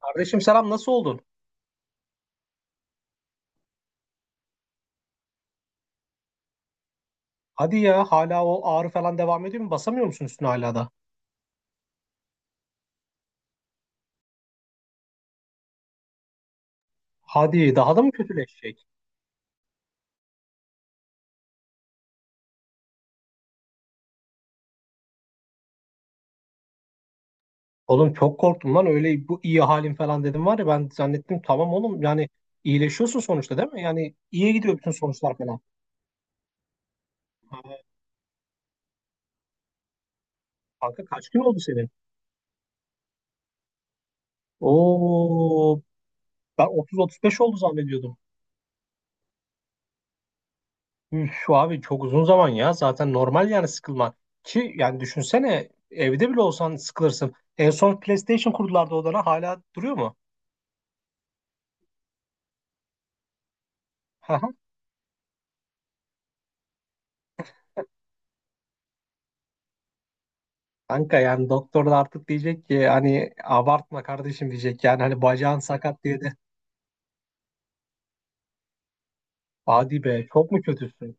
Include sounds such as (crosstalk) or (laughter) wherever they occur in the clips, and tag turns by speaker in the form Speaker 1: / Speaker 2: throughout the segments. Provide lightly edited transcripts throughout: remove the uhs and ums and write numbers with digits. Speaker 1: Kardeşim selam nasıl oldun? Hadi ya hala o ağrı falan devam ediyor mu? Basamıyor musun üstüne hala da? Hadi daha da mı kötüleşecek? Oğlum çok korktum lan öyle bu iyi halin falan dedim var ya ben zannettim tamam oğlum yani iyileşiyorsun sonuçta değil mi? Yani iyiye gidiyor bütün sonuçlar falan. Ha, kanka kaç gün oldu senin? Oo ben 30-35 oldu zannediyordum. Üf şu abi çok uzun zaman ya zaten normal yani sıkılman. Ki yani düşünsene evde bile olsan sıkılırsın. En son PlayStation kurdular da odana hala duruyor mu? (laughs) Kanka yani doktor da artık diyecek ki hani abartma kardeşim diyecek yani hani bacağın sakat diye de hadi be çok mu kötüsün?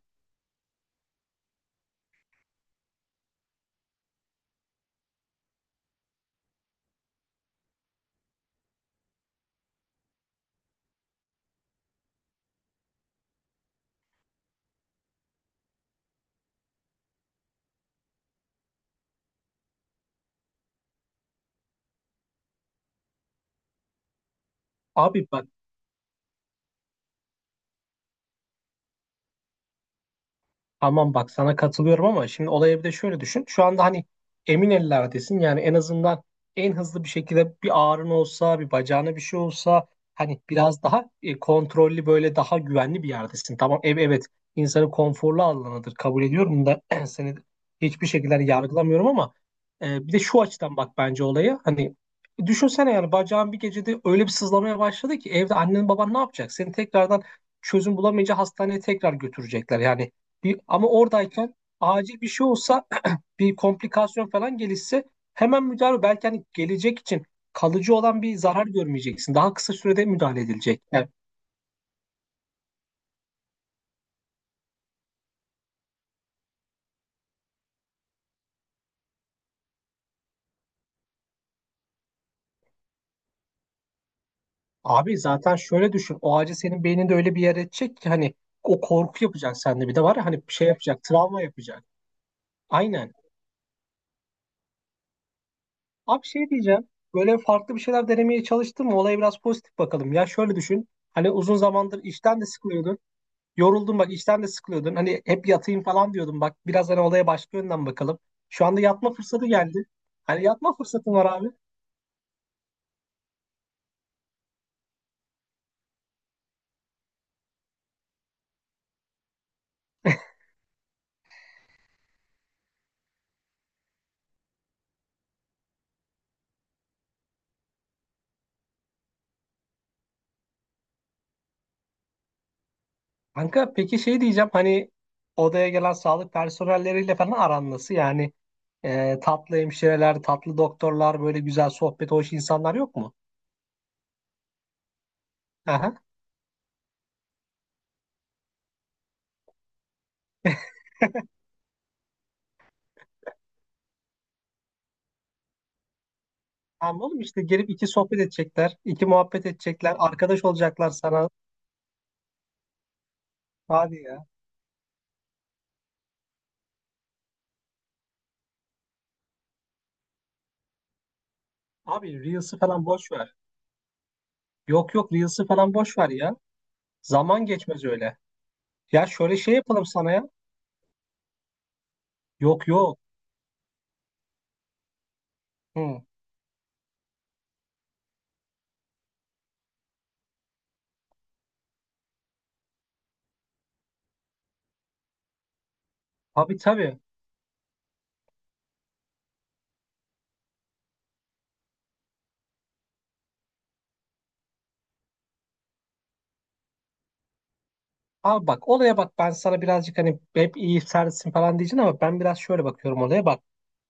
Speaker 1: Abi bak. Tamam bak sana katılıyorum ama şimdi olaya bir de şöyle düşün. Şu anda hani emin ellerdesin. Yani en azından en hızlı bir şekilde bir ağrın olsa, bir bacağına bir şey olsa hani biraz daha kontrollü böyle daha güvenli bir yerdesin. Tamam ev evet insanın konforlu alanıdır kabul ediyorum da (clears throat) seni hiçbir şekilde hani yargılamıyorum ama bir de şu açıdan bak bence olaya. Hani düşünsene yani bacağın bir gecede öyle bir sızlamaya başladı ki evde annen baban ne yapacak? Seni tekrardan çözüm bulamayınca hastaneye tekrar götürecekler. Yani ama oradayken acil bir şey olsa (clears throat) bir komplikasyon falan gelişse hemen müdahale belki hani gelecek için kalıcı olan bir zarar görmeyeceksin. Daha kısa sürede müdahale edilecek. Yani, abi zaten şöyle düşün. O acı senin beyninde öyle bir yer edecek ki hani o korku yapacak sende bir de var ya hani bir şey yapacak, travma yapacak. Aynen. Abi şey diyeceğim. Böyle farklı bir şeyler denemeye çalıştın mı? Olaya biraz pozitif bakalım. Ya şöyle düşün. Hani uzun zamandır işten de sıkılıyordun. Yoruldum bak işten de sıkılıyordun. Hani hep yatayım falan diyordum. Bak biraz hani olaya başka yönden bakalım. Şu anda yatma fırsatı geldi. Hani yatma fırsatın var abi. Kanka peki şey diyeceğim hani odaya gelen sağlık personelleriyle falan aran nasıl? Yani tatlı hemşireler, tatlı doktorlar böyle güzel sohbet hoş insanlar yok mu? Aha. (laughs) Tamam oğlum işte gelip iki sohbet edecekler, iki muhabbet edecekler, arkadaş olacaklar sana. Hadi ya. Abi Reels'ı falan boş ver. Yok yok Reels'ı falan boş ver ya. Zaman geçmez öyle. Ya şöyle şey yapalım sana ya. Yok yok. Hı. Tabii tabii. Abi bak olaya bak ben sana birazcık hani hep iyi sertsin falan diyeceksin ama ben biraz şöyle bakıyorum olaya bak.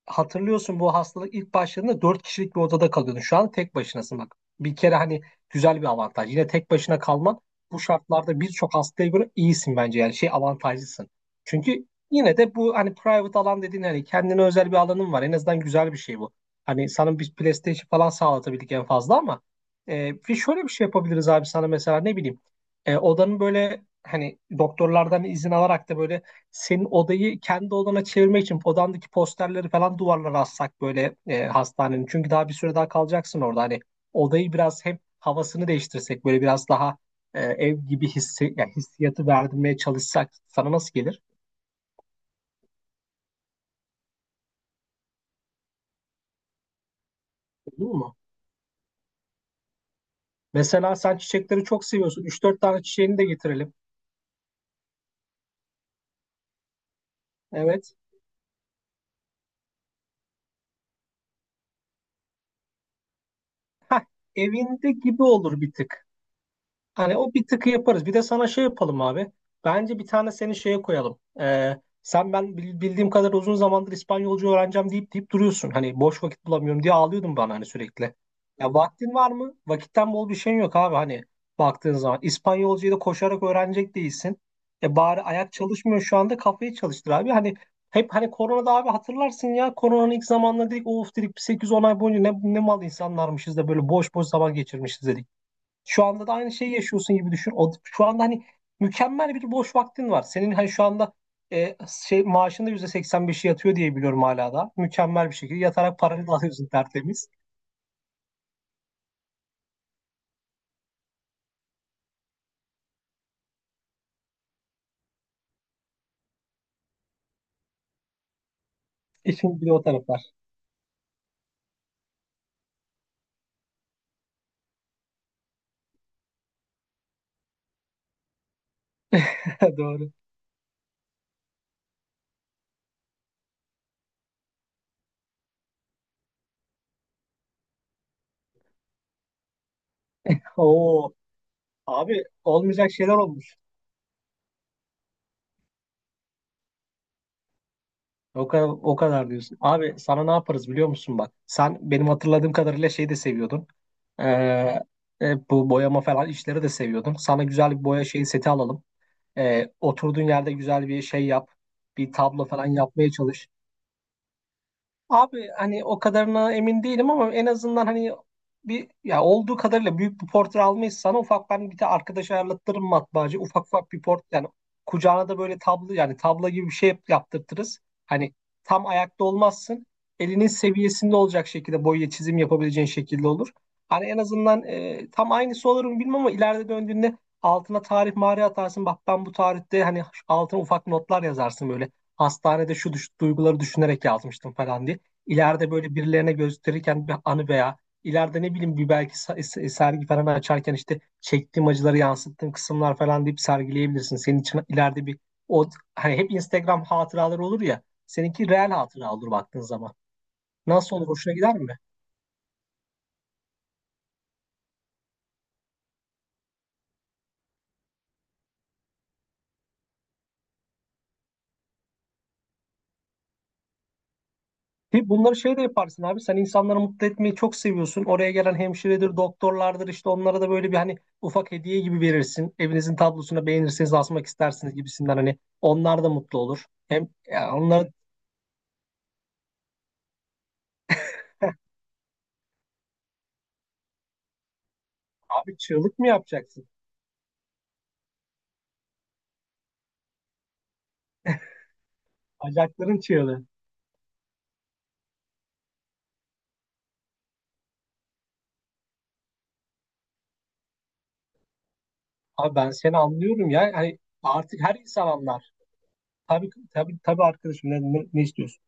Speaker 1: Hatırlıyorsun bu hastalık ilk başladığında 4 kişilik bir odada kalıyordun. Şu an tek başınasın bak. Bir kere hani güzel bir avantaj. Yine tek başına kalman bu şartlarda birçok hastaya göre iyisin bence. Yani şey avantajlısın. Çünkü yine de bu hani private alan dediğin hani kendine özel bir alanın var. En azından güzel bir şey bu. Hani sana bir PlayStation falan sağlatabildik en fazla ama bir şöyle bir şey yapabiliriz abi sana mesela ne bileyim. Odanın böyle hani doktorlardan izin alarak da böyle senin odayı kendi odana çevirmek için odandaki posterleri falan duvarlara assak böyle hastanenin. Çünkü daha bir süre daha kalacaksın orada. Hani odayı biraz hem havasını değiştirsek böyle biraz daha ev gibi hissi, yani hissiyatı verdirmeye çalışsak sana nasıl gelir? Olur mu? Mesela sen çiçekleri çok seviyorsun. 3-4 tane çiçeğini de getirelim. Evet. Hah, evinde gibi olur bir tık. Hani o bir tıkı yaparız. Bir de sana şey yapalım abi. Bence bir tane seni şeye koyalım. Sen ben bildiğim kadar uzun zamandır İspanyolca öğreneceğim deyip deyip duruyorsun. Hani boş vakit bulamıyorum diye ağlıyordun bana hani sürekli. Ya vaktin var mı? Vakitten bol bir şeyin yok abi hani baktığın zaman. İspanyolcayı da koşarak öğrenecek değilsin. E bari ayak çalışmıyor şu anda kafayı çalıştır abi. Hani hep hani koronada abi hatırlarsın ya koronanın ilk zamanlarında dedik of dedik 8-10 ay boyunca ne mal insanlarmışız da böyle boş boş zaman geçirmişiz dedik. Şu anda da aynı şeyi yaşıyorsun gibi düşün. O, şu anda hani mükemmel bir boş vaktin var. Senin hani şu anda e, şey maaşında %85'i yatıyor diye biliyorum hala da. Mükemmel bir şekilde yatarak paranı da alıyorsun tertemiz. İşin bir de o taraflar. (laughs) Doğru. Oo. Abi olmayacak şeyler olmuş. O kadar, o kadar diyorsun. Abi sana ne yaparız biliyor musun bak. Sen benim hatırladığım kadarıyla şey de seviyordun. Ee, bu boyama falan işleri de seviyordun. Sana güzel bir boya şeyi seti alalım. Oturduğun yerde güzel bir şey yap. Bir tablo falan yapmaya çalış. Abi hani o kadarına emin değilim ama en azından hani bir ya olduğu kadarıyla büyük bir portre almayız sana ufak ben bir de arkadaş ayarlattırırım matbaacı ufak ufak bir port yani kucağına da böyle tablo yani tablo gibi bir şey yaptırtırız. Hani tam ayakta olmazsın elinin seviyesinde olacak şekilde boya çizim yapabileceğin şekilde olur. Hani en azından tam aynısı olur mu bilmem ama ileride döndüğünde altına tarih mağara atarsın bak ben bu tarihte hani altına ufak notlar yazarsın böyle hastanede şu duyguları düşünerek yazmıştım falan diye ileride böyle birilerine gösterirken bir anı veya ileride ne bileyim bir belki sergi falan açarken işte çektiğim acıları yansıttığım kısımlar falan deyip sergileyebilirsin. Senin için ileride bir o hani hep Instagram hatıraları olur ya. Seninki real hatıra olur baktığın zaman. Nasıl olur? Hoşuna gider mi? Ki bunları şey de yaparsın abi. Sen insanları mutlu etmeyi çok seviyorsun. Oraya gelen hemşiredir, doktorlardır işte onlara da böyle bir hani ufak hediye gibi verirsin. Evinizin tablosuna beğenirseniz asmak istersiniz gibisinden hani onlar da mutlu olur. Hem ya onlara. Abi çığlık mı yapacaksın? Bacakların çığlığı. Abi ben seni anlıyorum ya. Hani artık her insan anlar. Tabii tabii tabii arkadaşım ne istiyorsun?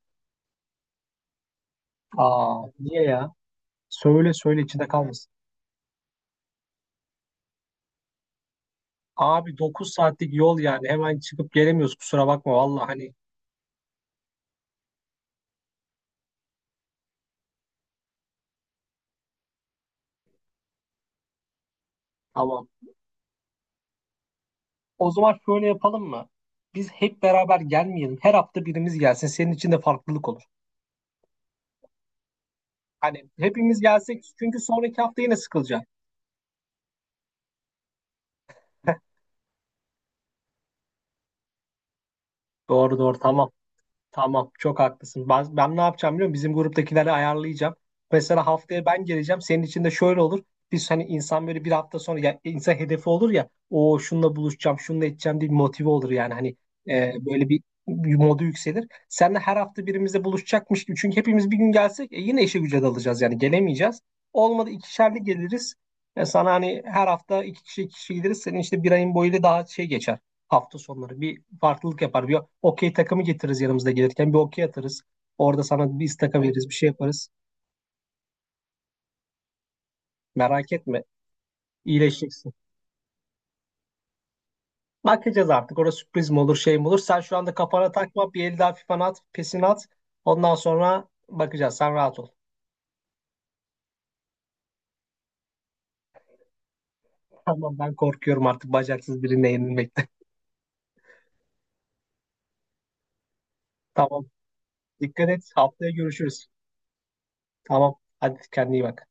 Speaker 1: Aa niye ya? Söyle söyle içinde kalmasın. Abi 9 saatlik yol yani hemen çıkıp gelemiyoruz kusura bakma valla hani tamam. O zaman şöyle yapalım mı? Biz hep beraber gelmeyelim. Her hafta birimiz gelsin. Senin için de farklılık olur. Hani hepimiz gelsek çünkü sonraki hafta yine sıkılacak. (laughs) Doğru doğru tamam. Tamam, çok haklısın. Ben ne yapacağım biliyor musun? Bizim gruptakileri ayarlayacağım. Mesela haftaya ben geleceğim. Senin için de şöyle olur. Biz hani insan böyle bir hafta sonra ya, insan hedefi olur ya. O şununla buluşacağım, şununla edeceğim diye bir motive olur yani. Hani böyle bir, modu yükselir. Seninle her hafta birimizle buluşacakmış gibi. Çünkü hepimiz bir gün gelsek yine işe güce dalacağız yani gelemeyeceğiz. Olmadı ikişerli geliriz. Sana hani her hafta iki kişi gideriz. Senin işte bir ayın boyuyla daha şey geçer hafta sonları bir farklılık yapar. Bir okey takımı getiririz yanımızda gelirken bir okey atarız. Orada sana bir istaka veririz bir şey yaparız. Merak etme iyileşeceksin. Bakacağız artık orada sürpriz mi olur şey mi olur. Sen şu anda kafana takma bir el daha fifan at pesini at. Ondan sonra bakacağız sen rahat ol. Tamam ben korkuyorum artık bacaksız birine yenilmekte. (laughs) Tamam dikkat et haftaya görüşürüz. Tamam hadi kendine iyi bak.